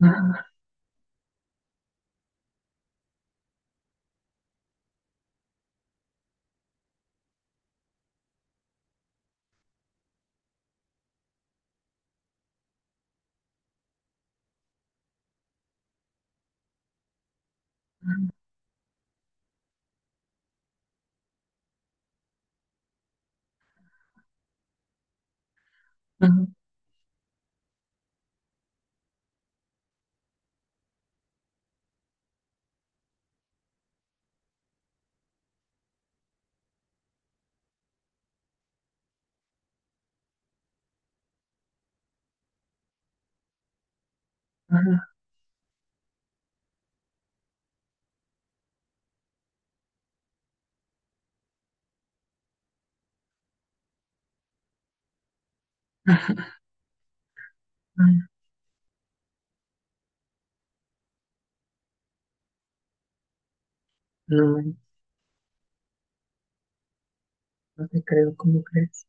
Ah, ah, ah, ah, ah. No, man, no te creo, ¿cómo crees?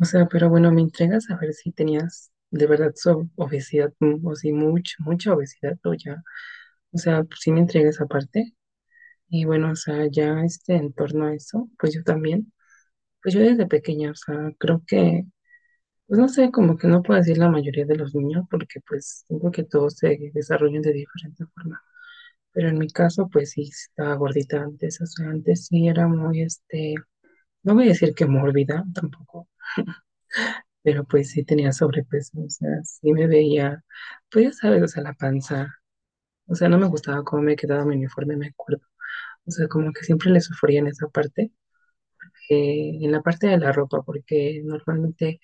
O sea, pero bueno, me entregas a ver si tenías de verdad obesidad o si mucha obesidad o ya. O sea, si me entregas aparte. Y bueno, o sea, en torno a eso, pues yo también. Pues yo desde pequeña, o sea, pues no sé, como que no puedo decir la mayoría de los niños porque pues siento que todos se desarrollan de diferente forma. Pero en mi caso, pues sí, sí estaba gordita antes, o sea, antes sí era muy, no voy a decir que mórbida tampoco, pero pues sí tenía sobrepeso, o sea, sí me veía, pues ya sabes, o sea, la panza, o sea, no me gustaba cómo me quedaba mi uniforme, me acuerdo, o sea, como que siempre le sufría en esa parte, en la parte de la ropa, porque normalmente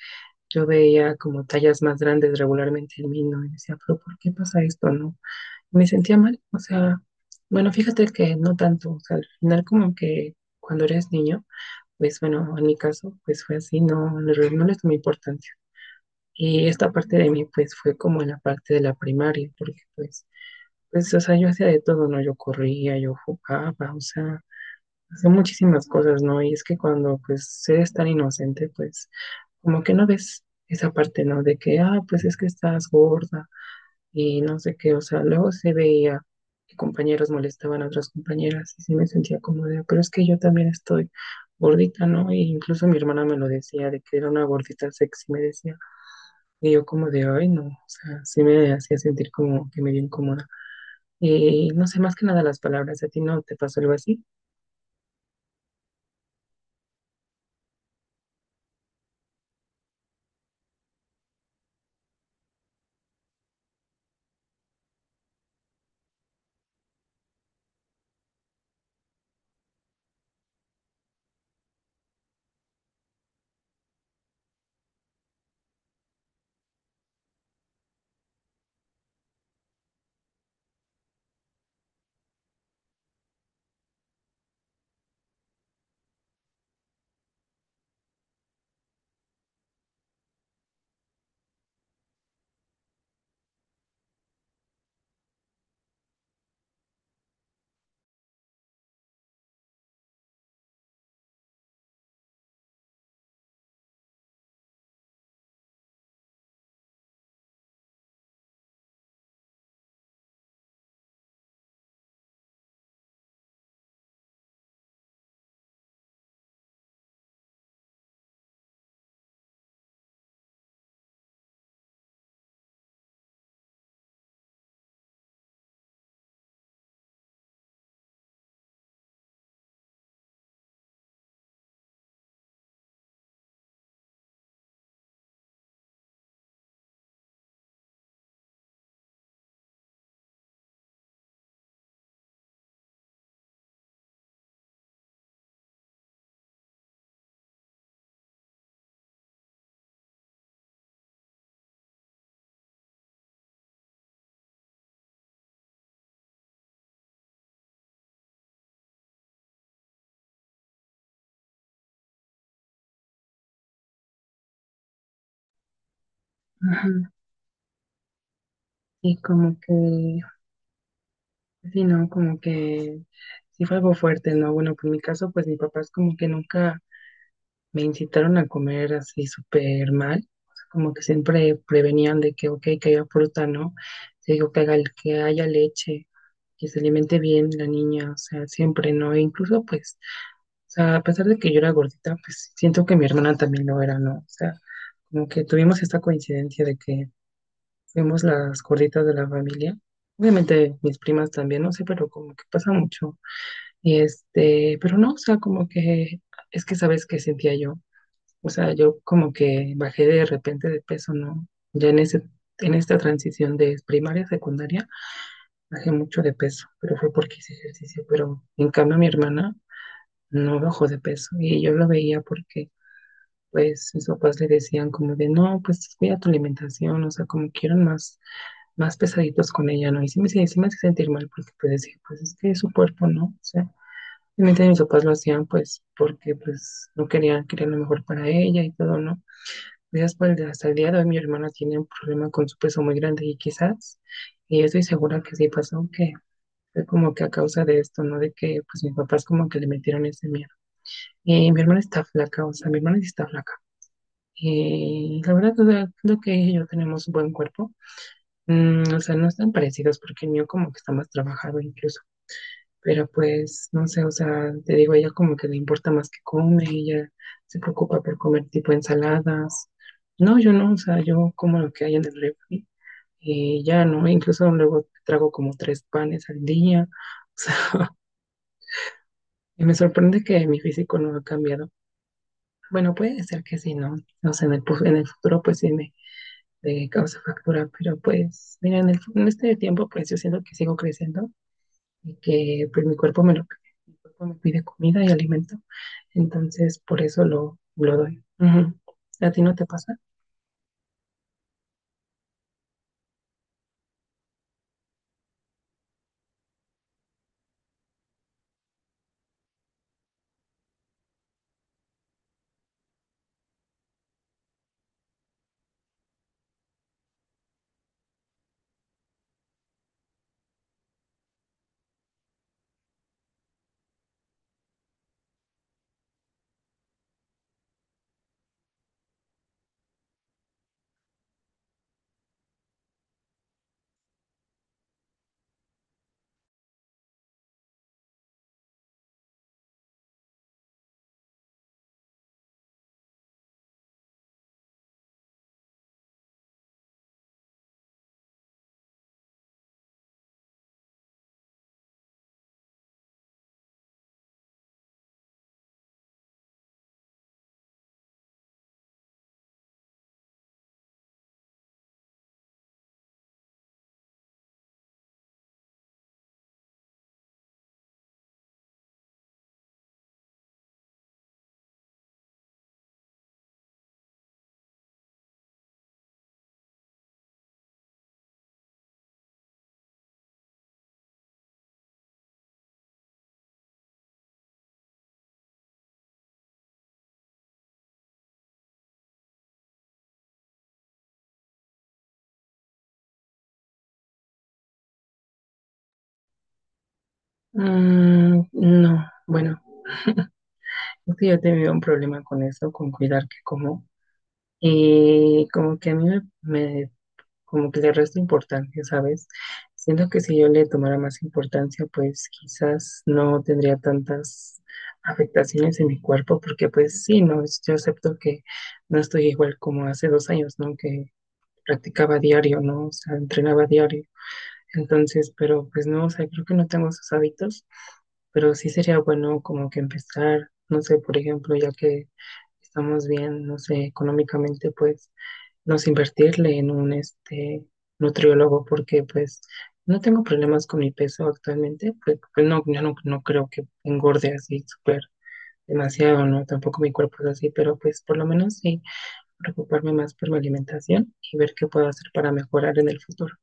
yo veía como tallas más grandes regularmente en mí, ¿no? Y decía, pero ¿por qué pasa esto, no? Me sentía mal, o sea, bueno, fíjate que no tanto, o sea, al final como que cuando eres niño, pues bueno, en mi caso, pues fue así, no, no le tomé importancia. Y esta parte de mí, pues fue como en la parte de la primaria, porque o sea, yo hacía de todo, ¿no? Yo corría, yo jugaba, o sea, hacía muchísimas cosas, ¿no? Y es que cuando, pues, eres tan inocente, pues, como que no ves esa parte, ¿no? De que, ah, pues es que estás gorda y no sé qué, o sea, luego se veía que compañeros molestaban a otras compañeras y sí me sentía como de, pero es que yo también estoy gordita, ¿no? E incluso mi hermana me lo decía, de que era una gordita sexy, me decía, y yo como de, ay, no, o sea, sí me hacía sentir como que me dio incómoda. Y no sé, más que nada las palabras, ¿a ti no te pasó algo así? Ajá. Y como que, sí, no, como que sí fue algo fuerte, ¿no? Bueno, pues en mi caso, pues mis papás como que nunca me incitaron a comer así súper mal, o sea, como que siempre prevenían de que, ok, que haya fruta, ¿no? Te digo, que haya leche, que se alimente bien la niña, o sea, siempre, ¿no? E incluso, pues, o sea, a pesar de que yo era gordita, pues siento que mi hermana también lo era, ¿no? O sea, como que tuvimos esta coincidencia de que fuimos las gorditas de la familia. Obviamente mis primas también, no sé, pero como que pasa mucho. Y este, pero no, o sea, como que es que sabes que sentía yo, o sea, yo como que bajé de repente de peso, ¿no? Ya en ese, en esta transición de primaria a secundaria, bajé mucho de peso, pero fue porque hice ejercicio. Pero en cambio mi hermana no bajó de peso y yo lo veía porque pues mis papás le decían como de, no, pues cuida tu alimentación, o sea, como quieren más pesaditos con ella, ¿no? Y sí me hace sentir mal porque pues decía, pues es que es su cuerpo, ¿no? O sea, obviamente mis papás lo hacían pues porque pues no querían, querían lo mejor para ella y todo, ¿no? Gracias por el día. Hasta el día de hoy mi hermana tiene un problema con su peso muy grande y quizás, y yo estoy segura que sí pasó, que fue como que a causa de esto, ¿no? De que pues mis papás como que le metieron ese miedo. Y mi hermana está flaca, o sea, mi hermana sí está flaca. Y la verdad, o sea, creo que ella y yo tenemos un buen cuerpo. Mm, o sea, no están parecidos porque el mío como que está más trabajado incluso. Pero pues, no sé, o sea, te digo, ella como que le importa más que come, ella se preocupa por comer tipo ensaladas. No, yo no, o sea, yo como lo que hay en el refri y ya, ¿no? Incluso luego trago como 3 panes al día. O sea, y me sorprende que mi físico no ha cambiado. Bueno, puede ser que sí, ¿no? No sé, en el futuro pues me causa factura, pero pues, mira, en este tiempo pues yo siento que sigo creciendo y que pues mi cuerpo me lo cuerpo me pide comida y alimento. Entonces, por eso lo doy. Ujú. ¿A ti no te pasa? Mm, no, bueno, es que yo he tenido un problema con eso, con cuidar que como. Y como que a mí me, me- como que le resta importancia, ¿sabes? Siento que si yo le tomara más importancia, pues quizás no tendría tantas afectaciones en mi cuerpo, porque pues sí, no, yo acepto que no estoy igual como hace 2 años, ¿no? Que practicaba diario, ¿no? O sea, entrenaba diario. Entonces, pero pues no, o sea, creo que no tengo esos hábitos, pero sí sería bueno como que empezar, no sé, por ejemplo, ya que estamos bien, no sé, económicamente, pues, no sé, invertirle en un nutriólogo, porque pues no tengo problemas con mi peso actualmente, pues no, yo no, no creo que engorde así súper demasiado, ¿no? Tampoco mi cuerpo es así, pero pues por lo menos sí preocuparme más por mi alimentación y ver qué puedo hacer para mejorar en el futuro.